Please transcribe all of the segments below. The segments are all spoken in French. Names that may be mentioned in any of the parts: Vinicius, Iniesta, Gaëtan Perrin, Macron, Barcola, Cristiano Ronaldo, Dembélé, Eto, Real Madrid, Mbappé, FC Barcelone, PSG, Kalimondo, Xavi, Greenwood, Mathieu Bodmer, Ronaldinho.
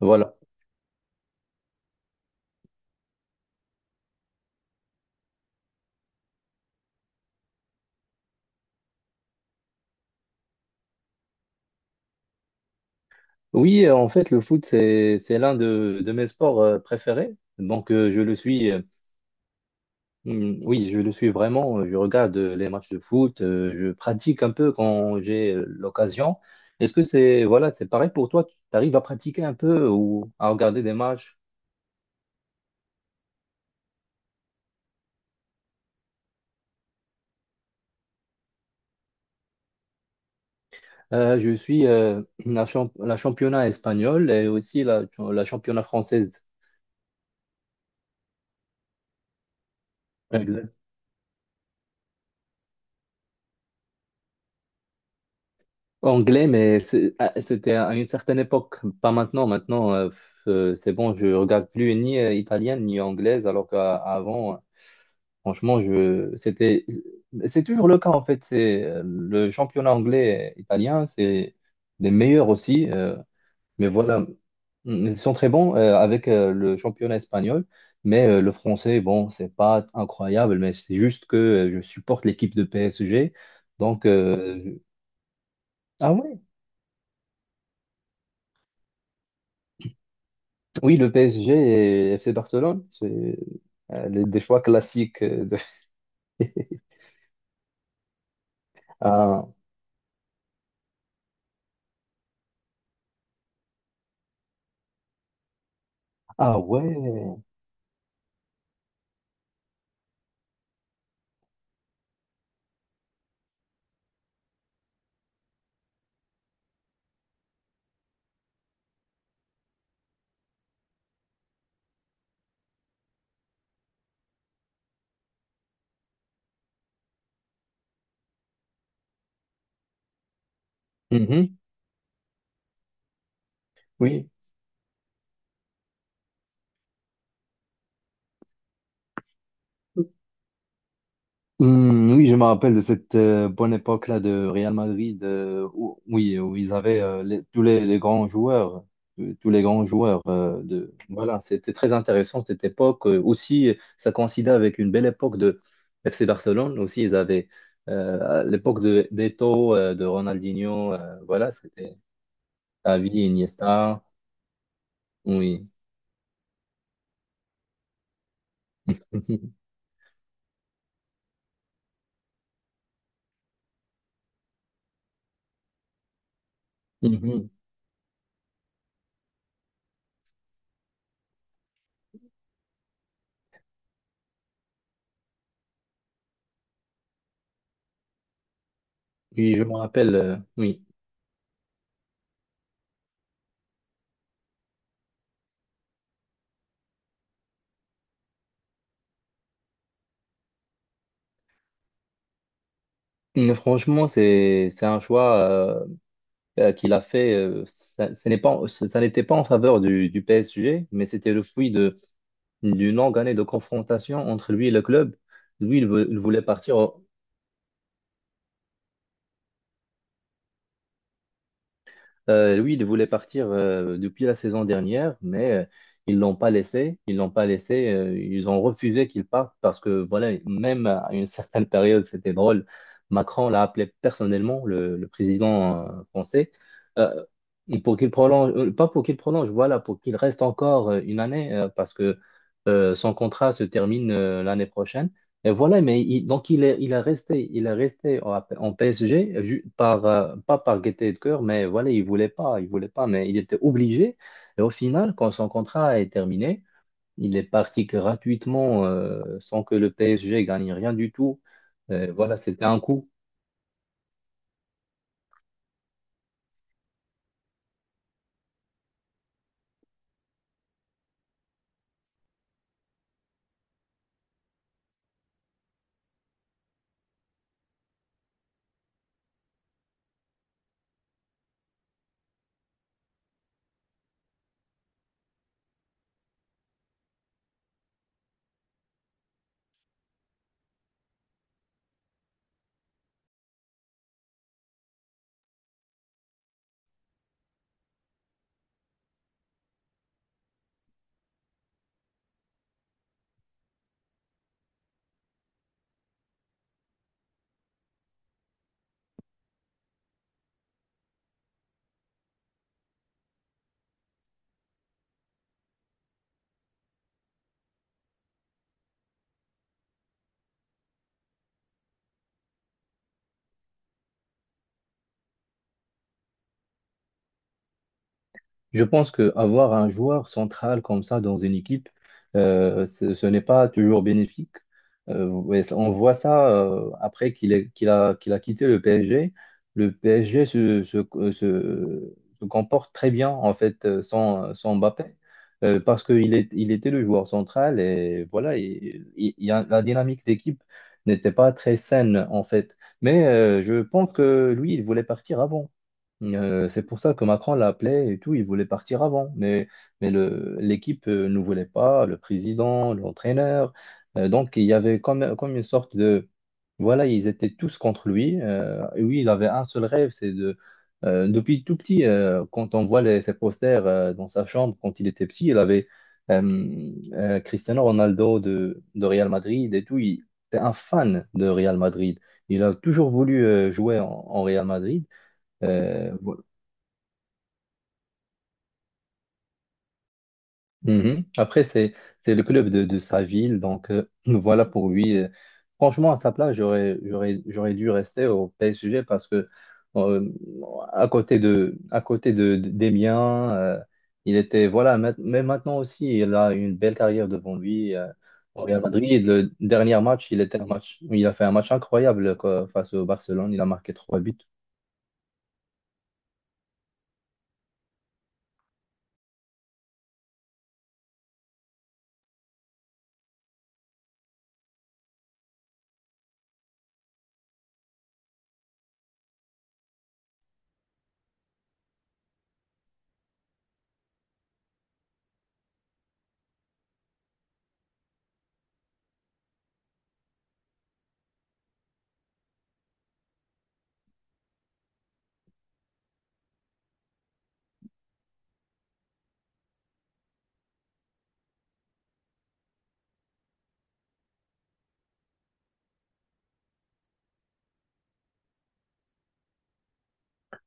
Voilà. Oui, en fait, le foot, c'est l'un de mes sports préférés. Donc, je le suis, oui, je le suis vraiment. Je regarde les matchs de foot, je pratique un peu quand j'ai l'occasion. Est-ce que c'est, voilà, c'est pareil pour toi? Tu arrives à pratiquer un peu ou à regarder des matchs? Je suis la, la championnat espagnole et aussi la, la championnat française. Anglais, mais c'était à une certaine époque, pas maintenant. Maintenant, c'est bon, je regarde plus ni italienne ni anglaise, alors qu'avant, franchement, c'est toujours le cas en fait. C'est le championnat anglais et italien, c'est les meilleurs aussi. Mais voilà, Mm, ils sont très bons avec le championnat espagnol, mais le français, bon, c'est pas incroyable, mais c'est juste que je supporte l'équipe de PSG, donc. Ah ouais. Oui, le PSG et FC Barcelone, c'est des choix classiques. Ah, ah ouais. Mhm, oui. Hmm, oui, je me rappelle de cette bonne époque-là de Real Madrid, où, oui, où ils avaient tous les grands joueurs, tous les grands joueurs de. Voilà, c'était très intéressant cette époque. Aussi, ça coïncidait avec une belle époque de FC Barcelone. Aussi, ils avaient à l'époque de d'Eto, de Ronaldinho. Voilà, c'était Xavi, Iniesta, oui. Mhm. Oui, je me rappelle, oui. Mais franchement, c'est un choix qu'il a fait. Ça ce n'est pas, ça n'était pas en faveur du PSG, mais c'était le fruit de d'une longue année de confrontation entre lui et le club. Lui, il voulait partir. Oui, il voulait partir depuis la saison dernière, mais Ils l'ont pas laissé. Ils ont refusé qu'il parte parce que voilà, même à une certaine période, c'était drôle. Macron l'a appelé personnellement, le président français, euh, pour qu'il prolonge, pas pour qu'il prolonge, voilà, pour qu'il reste encore une année parce que son contrat se termine l'année prochaine. Et voilà, donc il est resté en, en PSG pas par gaieté de cœur, mais voilà, il voulait pas, mais il était obligé. Et au final, quand son contrat est terminé, il est parti gratuitement, sans que le PSG gagne rien du tout. Et voilà, c'était un coup. Je pense qu'avoir un joueur central comme ça dans une équipe, ce n'est pas toujours bénéfique. Ouais, on voit ça après qu'il a quitté le PSG. Le PSG se comporte très bien en fait sans Mbappé parce il était le joueur central et voilà, la dynamique d'équipe n'était pas très saine en fait. Mais je pense que lui, il voulait partir avant. C'est pour ça que Macron l'appelait et tout, il voulait partir avant. Mais le, l'équipe ne voulait pas, le président, l'entraîneur. Donc il y avait comme, comme une sorte de… Voilà, ils étaient tous contre lui. Et oui, il avait un seul rêve, c'est de… depuis tout petit, quand on voit ses posters dans sa chambre, quand il était petit, il avait Cristiano Ronaldo de Real Madrid et tout. Il était un fan de Real Madrid. Il a toujours voulu jouer en Real Madrid. Euh, Mhm. Après, c'est le club de sa ville, donc voilà pour lui. Franchement, à sa place, j'aurais dû rester au PSG parce que euh, à côté des miens, il était voilà. Mais maintenant aussi, il a une belle carrière devant lui. Au Real Madrid, le dernier match, il a fait un match incroyable quoi, face au Barcelone. Il a marqué trois buts.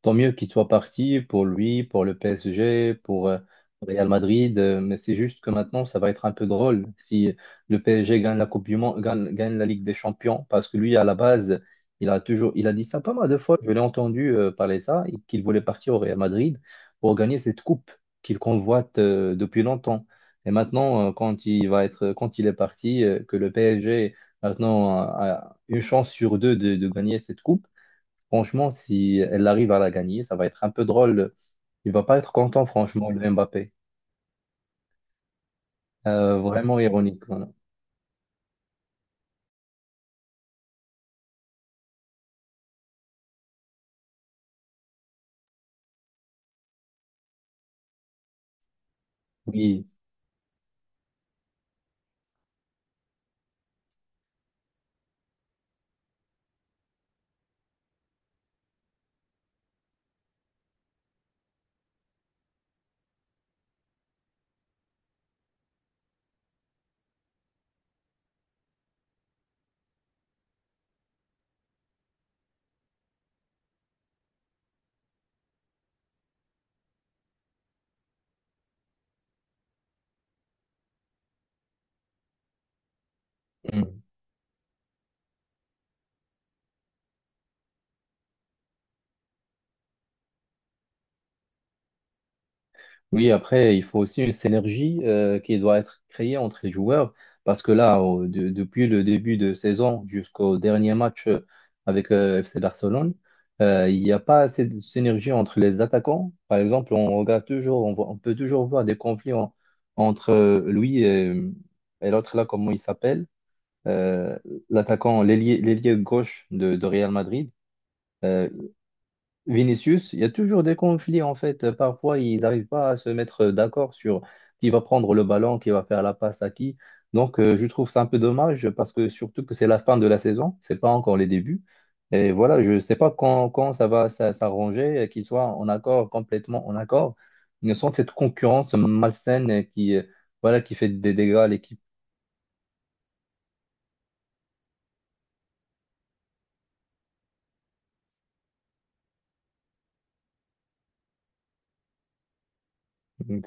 Tant mieux qu'il soit parti pour lui, pour le PSG, pour Real Madrid, mais c'est juste que maintenant, ça va être un peu drôle si le PSG gagne la Coupe du Monde, gagne la Ligue des Champions, parce que lui, à la base, il a dit ça pas mal de fois, je l'ai entendu parler ça, et qu'il voulait partir au Real Madrid pour gagner cette coupe qu'il convoite depuis longtemps. Et maintenant, quand il est parti, que le PSG maintenant a une chance sur deux de gagner cette coupe. Franchement, si elle arrive à la gagner, ça va être un peu drôle. Il va pas être content, franchement, le Mbappé. Vraiment ironique. Voilà. Oui. Mm. Oui, après, il faut aussi une synergie qui doit être créée entre les joueurs. Parce que là, depuis le début de saison jusqu'au dernier match avec FC Barcelone, il n'y a pas assez de synergie entre les attaquants. Par exemple, on peut toujours voir des conflits entre lui et l'autre là, comment il s'appelle euh, l'attaquant, l'ailier gauche de Real Madrid. Euh, Vinicius, il y a toujours des conflits en fait. Parfois, ils n'arrivent pas à se mettre d'accord sur qui va prendre le ballon, qui va faire la passe à qui. Donc, je trouve ça un peu dommage parce que surtout que c'est la fin de la saison, c'est pas encore les débuts. Et voilà, je ne sais pas quand ça va s'arranger, qu'ils soient en accord, complètement en accord. Il y a cette concurrence malsaine qui, voilà, qui fait des dégâts à l'équipe.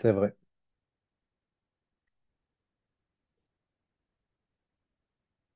C'est vrai.